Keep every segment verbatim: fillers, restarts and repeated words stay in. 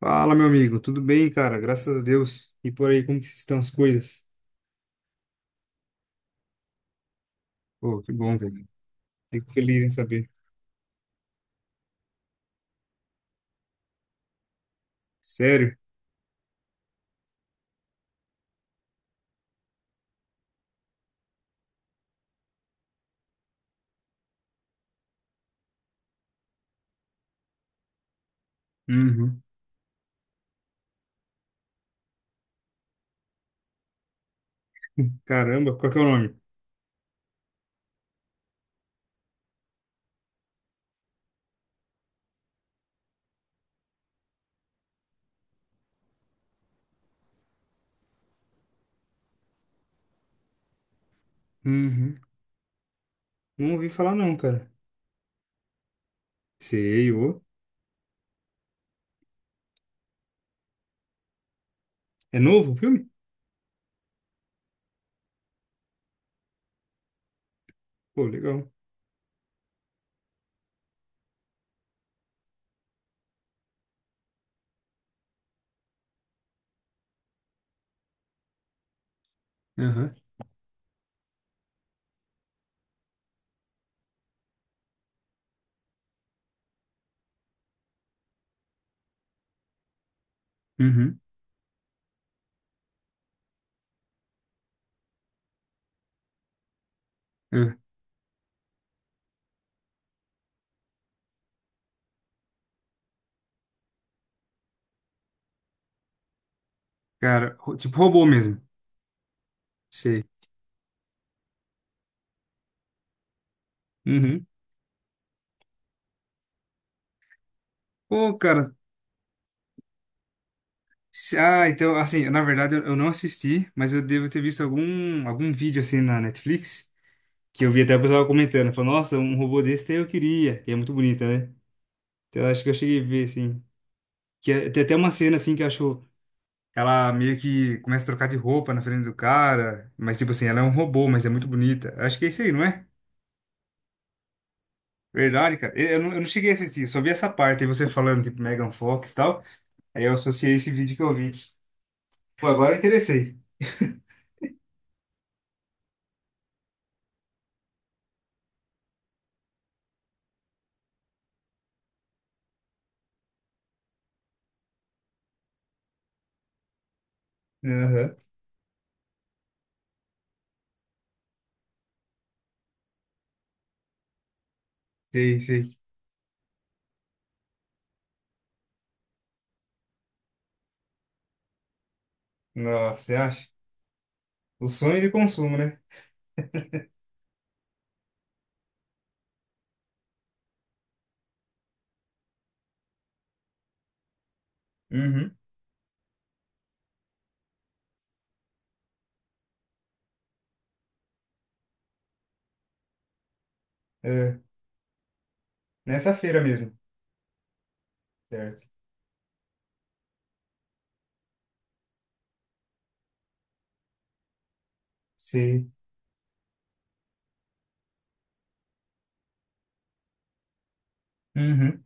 Fala, meu amigo. Tudo bem, cara? Graças a Deus. E por aí, como que estão as coisas? Pô, que bom, velho. Fico feliz em saber. Sério? Uhum. Caramba, qual que é o nome? Uhum. Não ouvi falar não, cara. Sei, ô. É novo o filme? Pô, legal. Uhum. Uhum. Uhum. Cara, ro- tipo robô mesmo. Sei. Uhum. Pô, cara. se- Ah, então, assim, na verdade eu eu não assisti, mas eu devo ter visto algum, algum vídeo assim na Netflix. Que eu vi até o pessoal comentando. Falou, nossa, um robô desse eu queria. E é muito bonita, né? Então eu acho que eu cheguei a ver, assim. Que é- tem até uma cena, assim, que eu acho. Ela meio que começa a trocar de roupa na frente do cara. Mas, tipo assim, ela é um robô, mas é muito bonita. Eu acho que é isso aí, não é? Verdade, cara. Eu eu não, eu não cheguei a assistir, eu só vi essa parte. E você falando, tipo, Megan Fox e tal. Aí eu associei esse vídeo que eu vi. Pô, agora eu interessei. Aham. Sei, sei. Nossa, você acha? O sonho de consumo, né? Uhum. É, nessa feira mesmo. Certo. Sei. Uhum.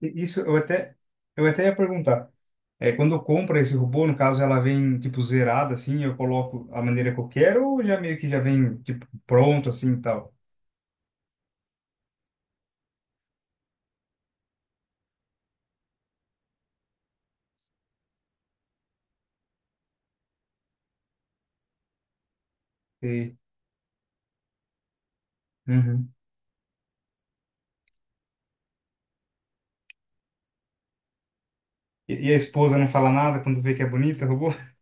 E isso eu até eu até ia perguntar. É, quando eu compro esse robô, no caso ela vem tipo zerada assim, eu coloco a maneira que eu quero ou já meio que já vem tipo pronto assim e tal. E, uhum. E, e a esposa não fala nada quando vê que é bonita o robô?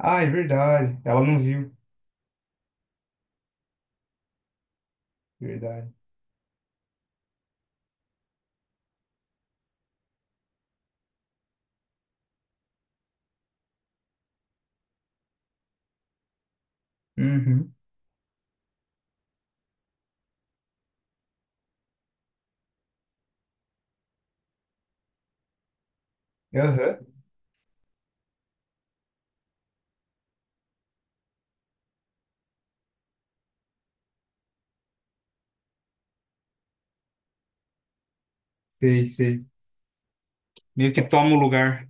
Ah, é verdade. Ela não viu. Verdade. Uhum. Aham. Sei, sei. Meio que toma o lugar.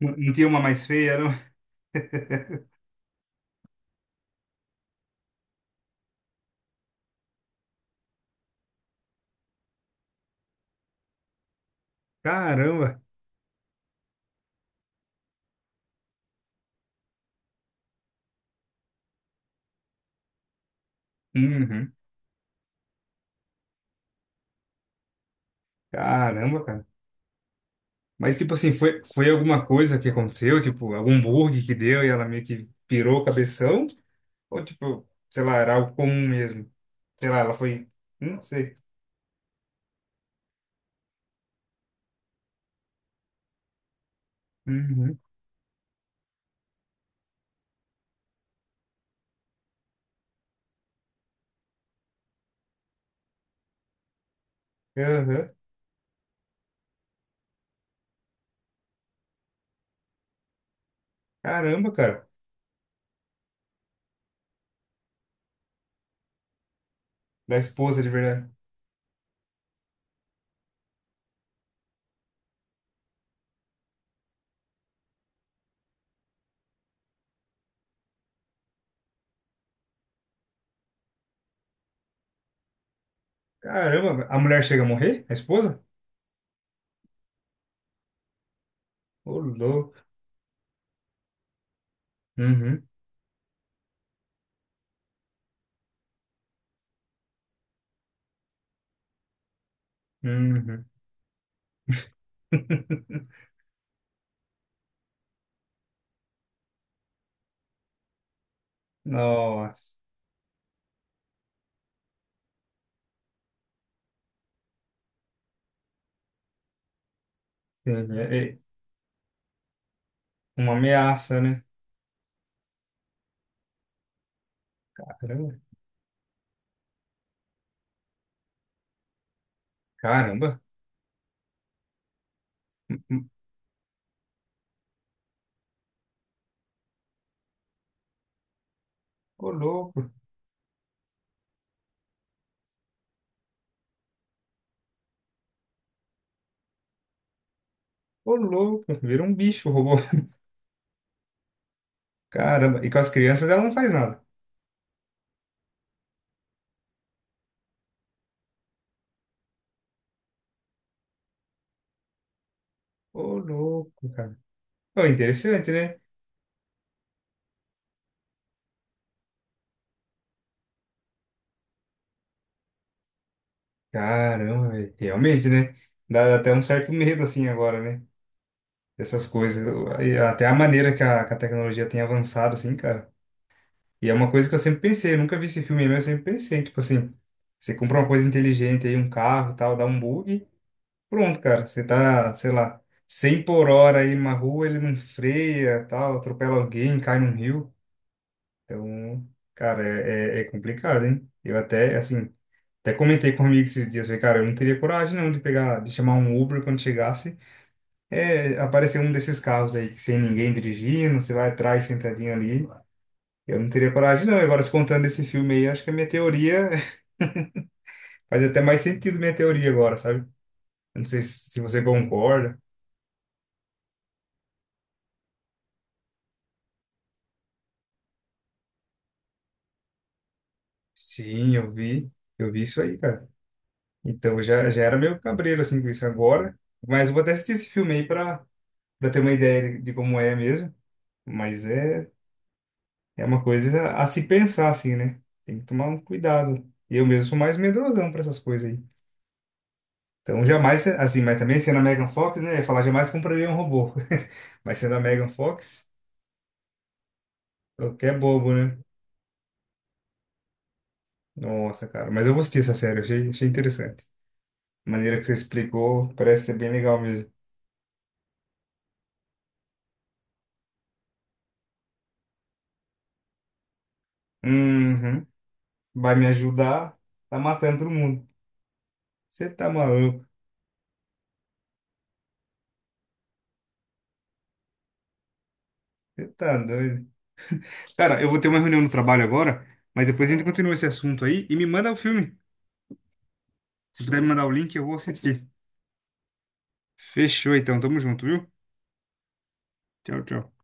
Não, não tinha uma mais feia, não? Caramba. Uhum. Caramba, cara. Mas, tipo assim, foi, foi alguma coisa que aconteceu? Tipo, algum bug que deu e ela meio que pirou o cabeção? Ou, tipo, sei lá, era algo comum mesmo? Sei lá, ela foi. Não sei. Uhum. Aham. Caramba, cara. Da esposa de verdade. Caramba, a mulher chega a morrer? A esposa? Ô, louco. Uhum. Uhum. Nossa. Sim, é, é uma ameaça, né? Caramba. Caramba. Ô, louco. Ô, louco. Vira um bicho, o robô. Caramba, e com as crianças ela não faz nada. Ô, louco, cara. Ô, interessante, né? Caramba, velho, realmente, né? Dá dá até um certo medo, assim, agora, né? Dessas coisas. Eu- e até a maneira que a, que a tecnologia tem avançado, assim, cara. E é uma coisa que eu sempre pensei, eu nunca vi esse filme, mas eu sempre pensei, tipo assim, você compra uma coisa inteligente aí, um carro e tal, dá um bug, pronto, cara. Você tá, sei lá, cem por hora aí numa rua, ele não freia, tal, atropela alguém, cai num rio. Então, cara, é, é é complicado, hein? Eu até, assim, até comentei com um amigo esses dias, falei, cara, eu não teria coragem não de pegar, de chamar um Uber quando chegasse, é, aparecer um desses carros aí, que sem ninguém dirigindo, você vai atrás sentadinho ali, eu não teria coragem não. E agora, se contando desse filme aí, acho que a minha teoria, faz até mais sentido minha teoria agora, sabe? Eu não sei se, se você concorda. Sim, eu vi, eu vi isso aí, cara. Então, eu já, já era meio cabreiro, assim, com isso agora, mas eu vou até assistir esse filme aí pra para ter uma ideia de como é mesmo. Mas é, é uma coisa a se pensar, assim, né? Tem que tomar um cuidado. Eu mesmo sou mais medrosão para essas coisas aí. Então, jamais, assim, mas também sendo a Megan Fox, né? Eu ia falar, jamais compraria um robô. Mas sendo a Megan Fox, qualquer bobo, né? Nossa, cara. Mas eu gostei dessa série, achei, achei interessante. A maneira que você explicou, parece ser bem legal mesmo. Uhum. Vai me ajudar, tá matando todo mundo. Você tá maluco, você tá doido. Cara, eu vou ter uma reunião no trabalho agora, mas depois a gente continua esse assunto aí e me manda o filme. Se puder me mandar o link, eu vou assistir. Fechou então, tamo junto, viu? Tchau, tchau.